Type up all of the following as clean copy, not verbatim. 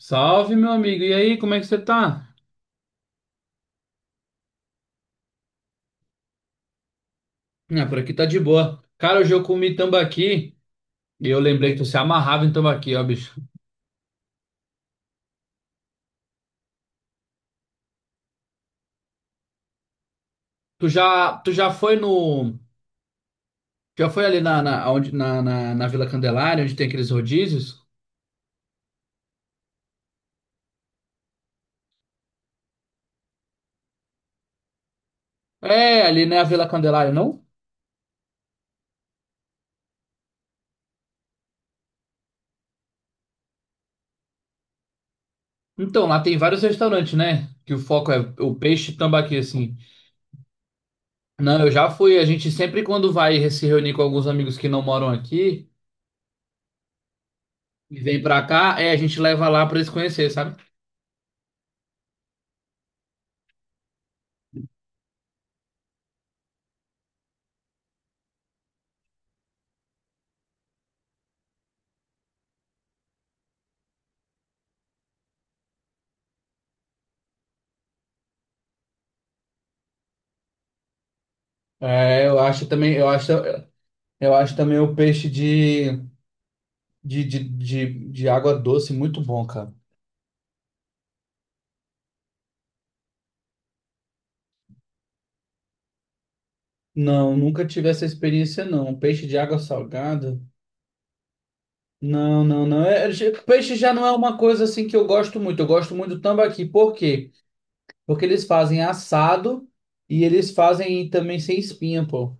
Salve, meu amigo. E aí, como é que você tá? Ah, por aqui tá de boa. Cara, hoje eu comi tambaqui e eu lembrei que tu se amarrava em tambaqui, ó, bicho. Tu já foi no, já foi ali na Vila Candelária, onde tem aqueles rodízios? É, ali né, a Vila Candelária, não? Então, lá tem vários restaurantes, né? Que o foco é o peixe e tambaqui, assim. Não, eu já fui. A gente sempre quando vai se reunir com alguns amigos que não moram aqui e vem pra cá, é, a gente leva lá pra eles conhecerem, sabe? É, eu acho também, eu acho. Eu acho também o peixe de água doce muito bom, cara. Não, nunca tive essa experiência, não. Um peixe de água salgada? Não, não, não. Peixe já não é uma coisa assim que eu gosto muito. Eu gosto muito do tambaqui. Por quê? Porque eles fazem assado e eles fazem também sem espinha, pô.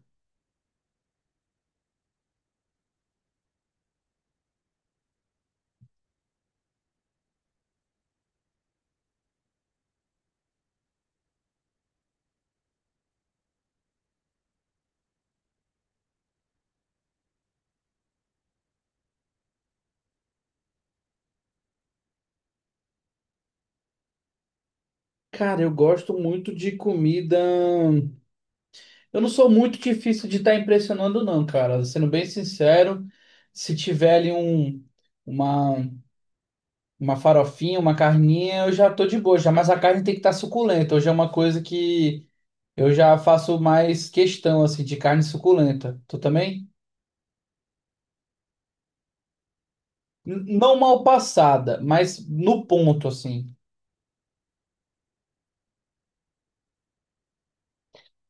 Cara, eu gosto muito de comida. Eu não sou muito difícil de estar impressionando, não, cara. Sendo bem sincero, se tiver ali um. Uma, Uma farofinha, uma carninha, eu já tô de boa já, mas a carne tem que estar suculenta. Hoje é uma coisa que eu já faço mais questão assim de carne suculenta. Tu também? Não mal passada, mas no ponto assim.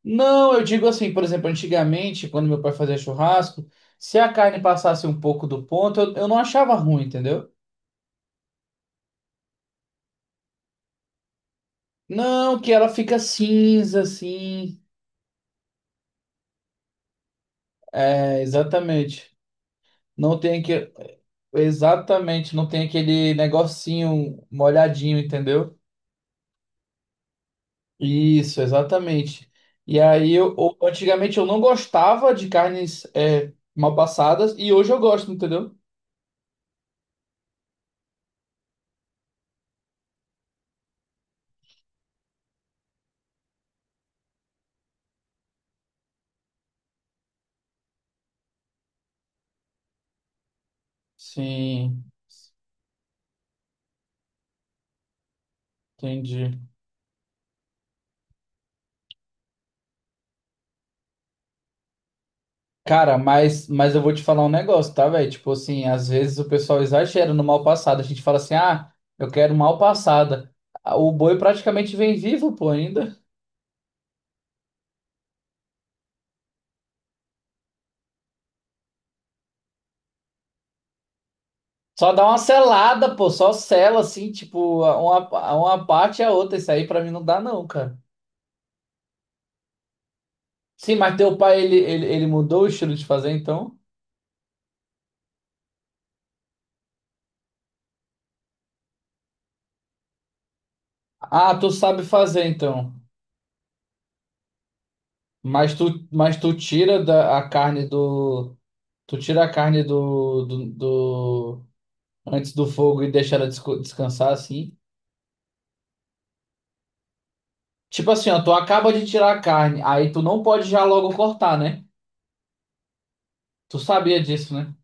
Não, eu digo assim, por exemplo, antigamente, quando meu pai fazia churrasco, se a carne passasse um pouco do ponto, eu não achava ruim, entendeu? Não, que ela fica cinza assim. É, exatamente. Não tem que exatamente, não tem aquele negocinho molhadinho, entendeu? Isso, exatamente. E aí, antigamente eu não gostava de carnes é, mal passadas e hoje eu gosto, entendeu? Sim, entendi. Cara, mas eu vou te falar um negócio, tá, velho? Tipo assim, às vezes o pessoal exagera no mal passado. A gente fala assim, ah, eu quero mal passada. Ah, o boi praticamente vem vivo, pô, ainda. Só dá uma selada, pô, só sela assim, tipo, uma parte e a outra. Isso aí pra mim não dá, não, cara. Sim, mas teu pai, ele mudou o estilo de fazer, então? Ah, tu sabe fazer, então. Mas tu, mas tu tira da, a carne do. Tu tira a carne do antes do fogo e deixa ela descansar assim. Tipo assim, ó, tu acaba de tirar a carne, aí tu não pode já logo cortar, né? Tu sabia disso, né?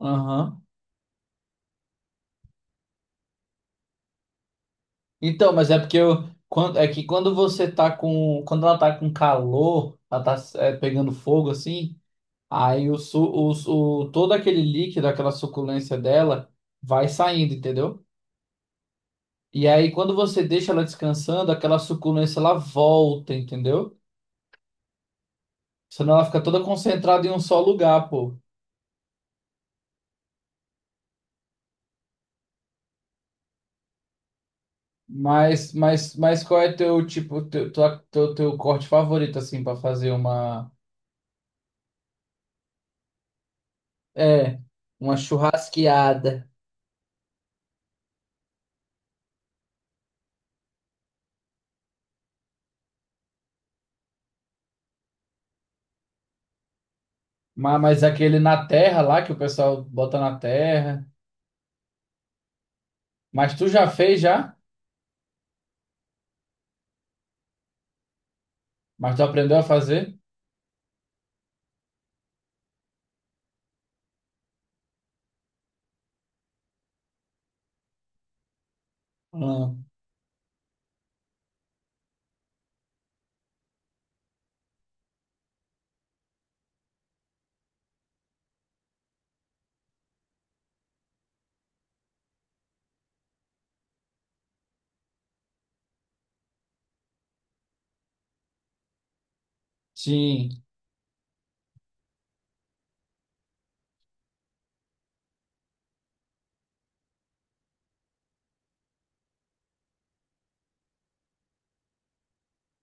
Aham. Então, mas é porque eu, quando, é que quando você tá com, quando ela tá com calor, ela tá é, pegando fogo assim, aí o, su, o- todo aquele líquido, aquela suculência dela vai saindo, entendeu? E aí quando você deixa ela descansando, aquela suculência ela volta, entendeu? Senão ela fica toda concentrada em um só lugar, pô. Mas qual é teu tipo, teu corte favorito assim pra fazer uma, é, uma churrasqueada? Mas aquele na terra lá que o pessoal bota na terra. Mas tu já fez já? Mas tu aprendeu a fazer? Não. Sim,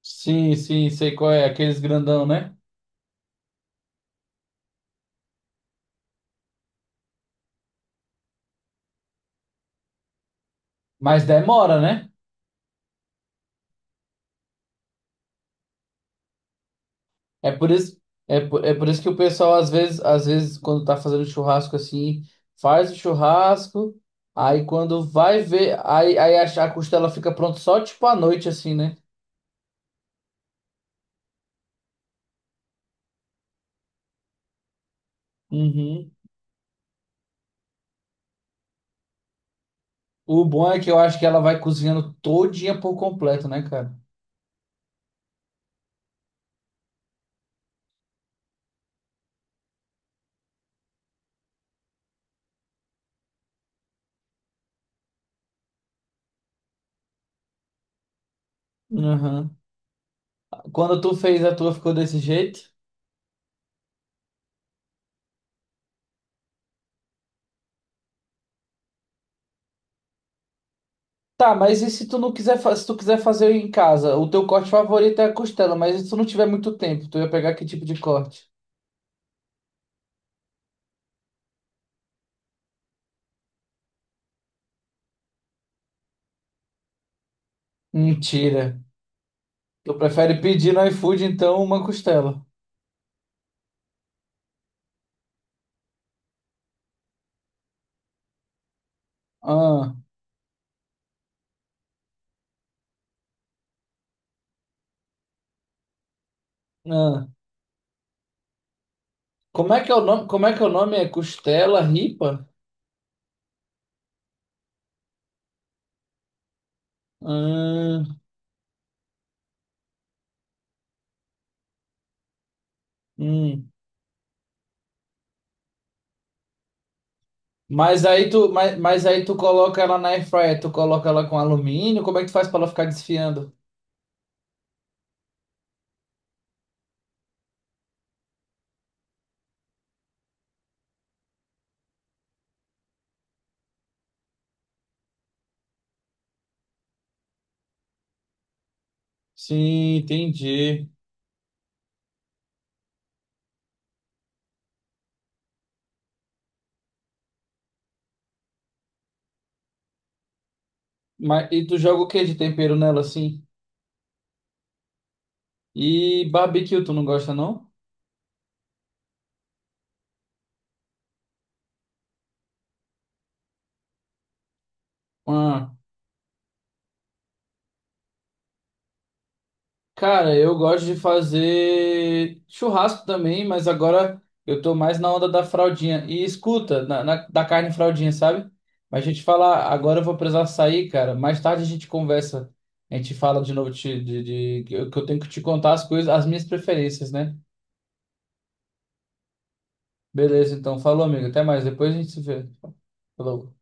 sim, sei qual é, aqueles grandão, né? Mas demora, né? É por isso, é por, é por isso que o pessoal às vezes quando tá fazendo churrasco assim, faz o churrasco, aí quando vai ver, aí a costela fica pronta só tipo à noite assim, né? Uhum. O bom é que eu acho que ela vai cozinhando todinha por completo, né, cara? Uhum. Quando tu fez a tua, ficou desse jeito? Tá, mas e se tu não quiser, se tu quiser fazer em casa? O teu corte favorito é a costela, mas se tu não tiver muito tempo, tu ia pegar que tipo de corte? Mentira. Tu prefere pedir no iFood, então, uma costela. Ah, ah. Como é que é o nome? Como é que é o nome? É costela ripa? Ah, hum. Mas aí tu coloca ela na airfryer, tu coloca ela com alumínio, como é que tu faz pra ela ficar desfiando? Sim, entendi. Mas, e tu joga o que de tempero nela assim? E barbecue, tu não gosta não? Ah, cara, eu gosto de fazer churrasco também, mas agora eu tô mais na onda da fraldinha. E escuta, da carne fraldinha, sabe? Mas a gente fala, agora eu vou precisar sair, cara. Mais tarde a gente conversa. A gente fala de novo de que eu tenho que te contar as coisas, as minhas preferências, né? Beleza, então. Falou, amigo. Até mais. Depois a gente se vê. Falou.